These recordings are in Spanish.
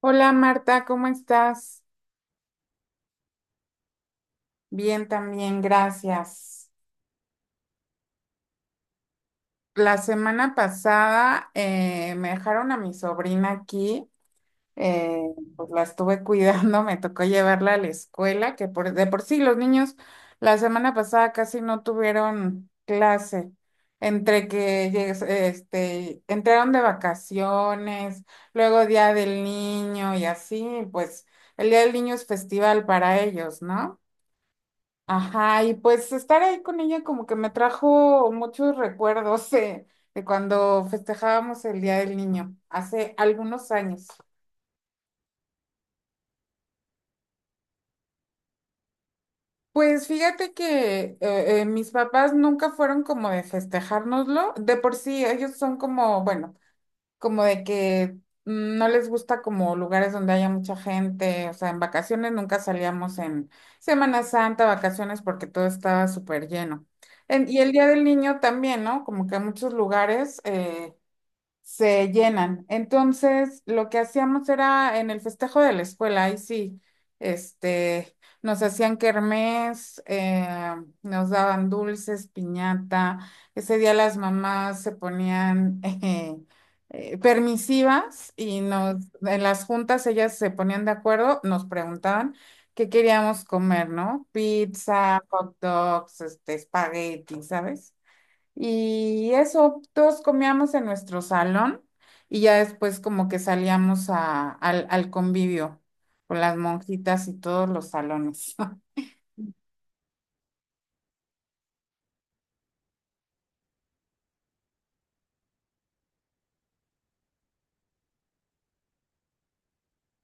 Hola Marta, ¿cómo estás? Bien también, gracias. La semana pasada me dejaron a mi sobrina aquí, eh, pues la estuve cuidando, me tocó llevarla a la escuela, que por, de por sí los niños la semana pasada casi no tuvieron clase, entre que entraron de vacaciones, luego Día del Niño y así, pues el Día del Niño es festival para ellos, ¿no? Ajá, y pues estar ahí con ella como que me trajo muchos recuerdos de cuando festejábamos el Día del Niño, hace algunos años. Pues fíjate que mis papás nunca fueron como de festejárnoslo, de por sí ellos son como, bueno. Como de que no les gusta como lugares donde haya mucha gente, o sea, en vacaciones nunca salíamos en Semana Santa, vacaciones, porque todo estaba súper lleno. Y el Día del Niño también, ¿no? Como que en muchos lugares, se llenan. Entonces, lo que hacíamos era en el festejo de la escuela, ahí sí, este, nos hacían kermés, nos daban dulces, piñata. Ese día las mamás se ponían permisivas en las juntas ellas se ponían de acuerdo, nos preguntaban qué queríamos comer, ¿no? Pizza, hot dogs, espagueti, ¿sabes? Y eso, todos comíamos en nuestro salón y ya después como que salíamos al convivio con las monjitas y todos los salones.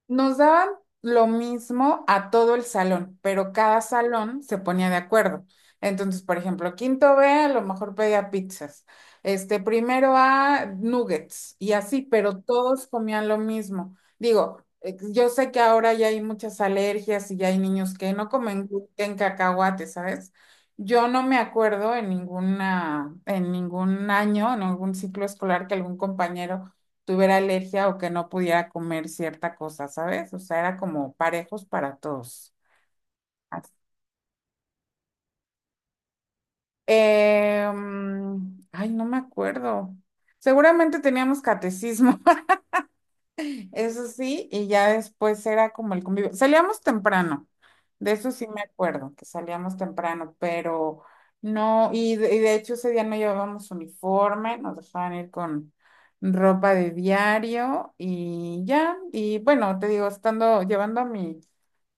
Nos daban lo mismo a todo el salón, pero cada salón se ponía de acuerdo. Entonces, por ejemplo, quinto B a lo mejor pedía pizzas, primero A nuggets y así, pero todos comían lo mismo. Digo, yo sé que ahora ya hay muchas alergias y ya hay niños que no comen gluten, cacahuate, ¿sabes? Yo no me acuerdo en ninguna, en ningún año, en algún ciclo escolar que algún compañero tuviera alergia o que no pudiera comer cierta cosa, ¿sabes? O sea, era como parejos para todos. Así. Ay, no me acuerdo. Seguramente teníamos catecismo, eso sí, y ya después era como el convivio. Salíamos temprano, de eso sí me acuerdo, que salíamos temprano, pero no, y de hecho ese día no llevábamos uniforme, nos dejaban ir con ropa de diario y ya, y bueno, te digo, estando, llevando a mi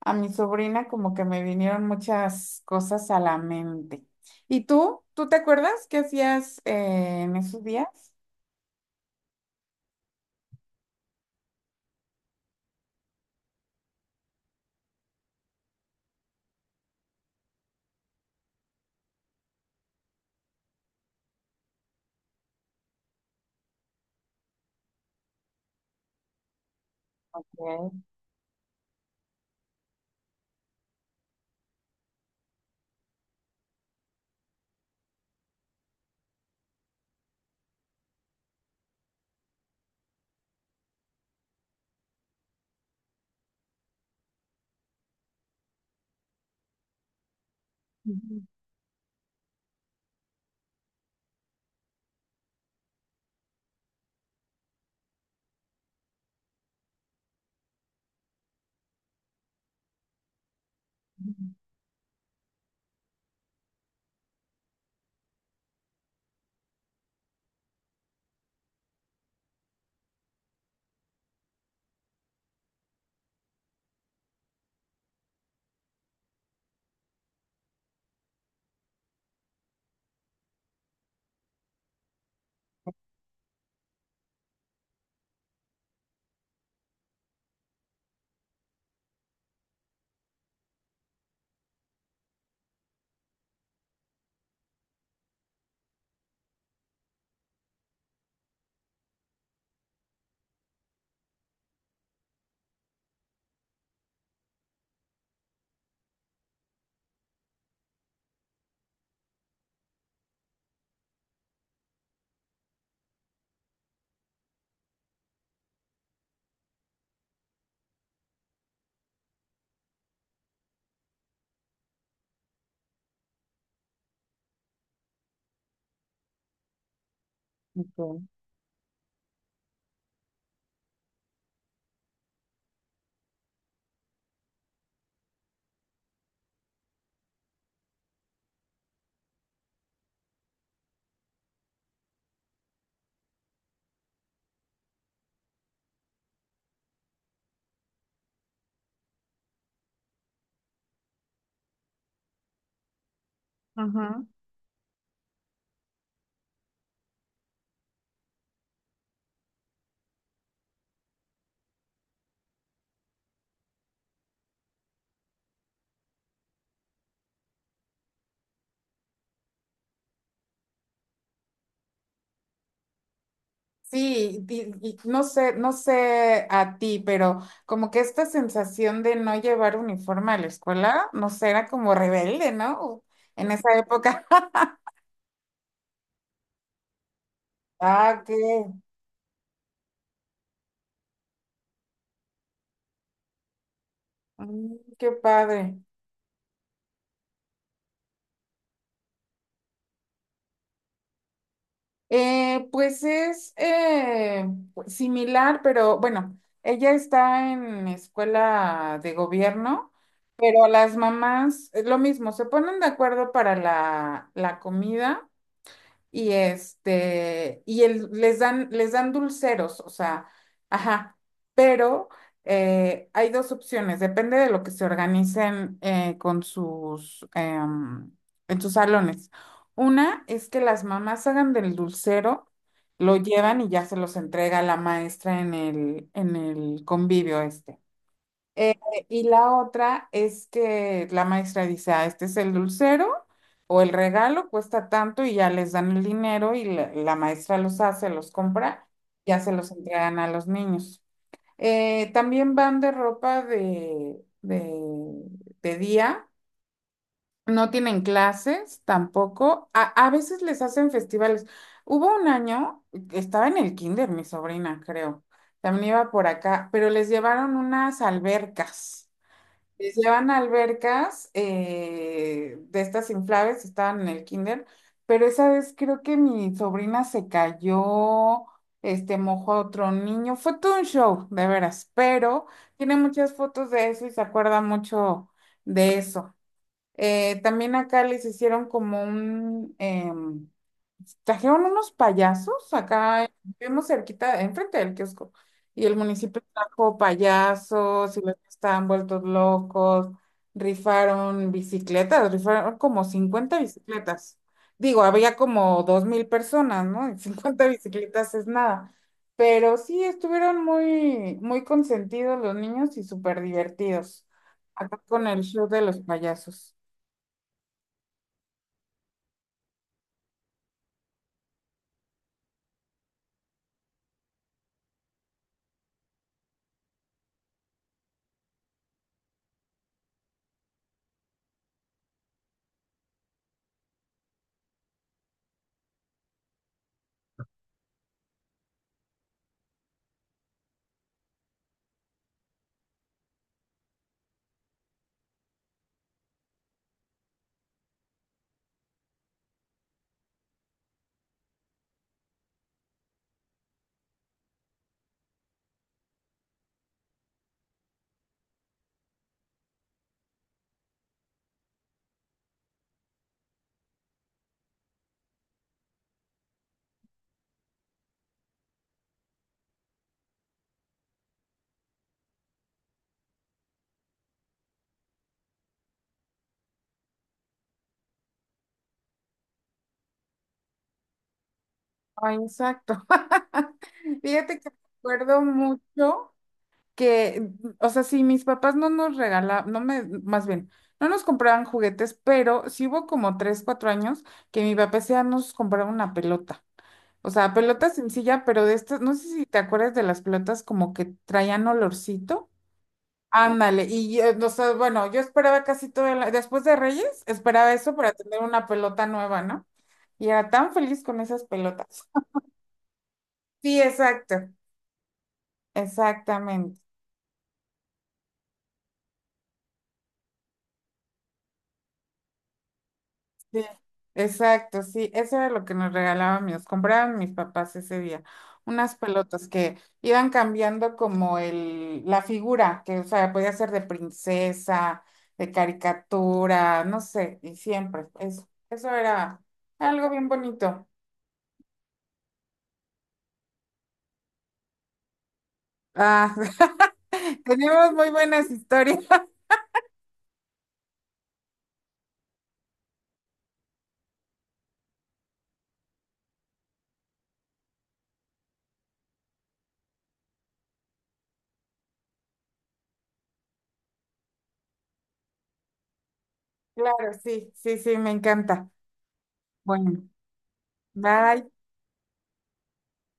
A mi sobrina como que me vinieron muchas cosas a la mente. ¿Y tú? ¿Tú te acuerdas qué hacías en esos días? Bien. Ujú. Ok. Ajá. Sí, y no sé, no sé a ti, pero como que esta sensación de no llevar uniforme a la escuela, no sé, era como rebelde, ¿no? En esa época. Ah, qué, Qué padre. Pues es pues, similar, pero bueno, ella está en escuela de gobierno, pero las mamás, lo mismo, se ponen de acuerdo para la comida y y les dan dulceros, o sea, ajá, pero hay dos opciones, depende de lo que se organicen con sus, en sus salones. Una es que las mamás hagan del dulcero, lo llevan y ya se los entrega la maestra en el convivio este. Eh, y la otra es que la maestra dice, ah, este es el dulcero o el regalo, cuesta tanto y ya les dan el dinero y la maestra los hace, los compra, ya se los entregan a los niños. También van de ropa de día, no tienen clases tampoco, a veces les hacen festivales. Hubo un año, estaba en el kinder mi sobrina, creo, también iba por acá, pero les llevaron unas albercas. Les llevan a albercas de estas inflables, estaban en el kinder, pero esa vez creo que mi sobrina se cayó, mojó a otro niño, fue todo un show, de veras, pero tiene muchas fotos de eso y se acuerda mucho de eso. También acá les hicieron trajeron unos payasos acá, vivimos cerquita, enfrente del kiosco, y el municipio trajo payasos y los que estaban vueltos locos, rifaron bicicletas, rifaron como 50 bicicletas. Digo, había como 2,000 personas, ¿no? Y 50 bicicletas es nada. Pero sí, estuvieron muy, muy consentidos los niños y súper divertidos, acá con el show de los payasos. Ay, exacto. Fíjate que recuerdo mucho. Que, o sea, sí, mis papás no nos regalaban, más bien, no nos compraban juguetes, pero sí hubo como 3, 4 años que mi papá sí nos compraba una pelota. O sea, pelota sencilla, pero de estas, no sé si te acuerdas de las pelotas como que traían olorcito. Ándale, y o sea, bueno, yo esperaba casi todo después de Reyes, esperaba eso para tener una pelota nueva, ¿no? Y era tan feliz con esas pelotas. Sí, exacto, exactamente. Sí, exacto, sí, eso era lo que nos regalaban nos compraban mis papás ese día, unas pelotas que iban cambiando como la figura, que o sea, podía ser de princesa, de caricatura, no sé, y siempre, eso era algo bien bonito. Ah, tenemos muy buenas historias. Claro, sí, sí, sí, me encanta. Bueno, bye.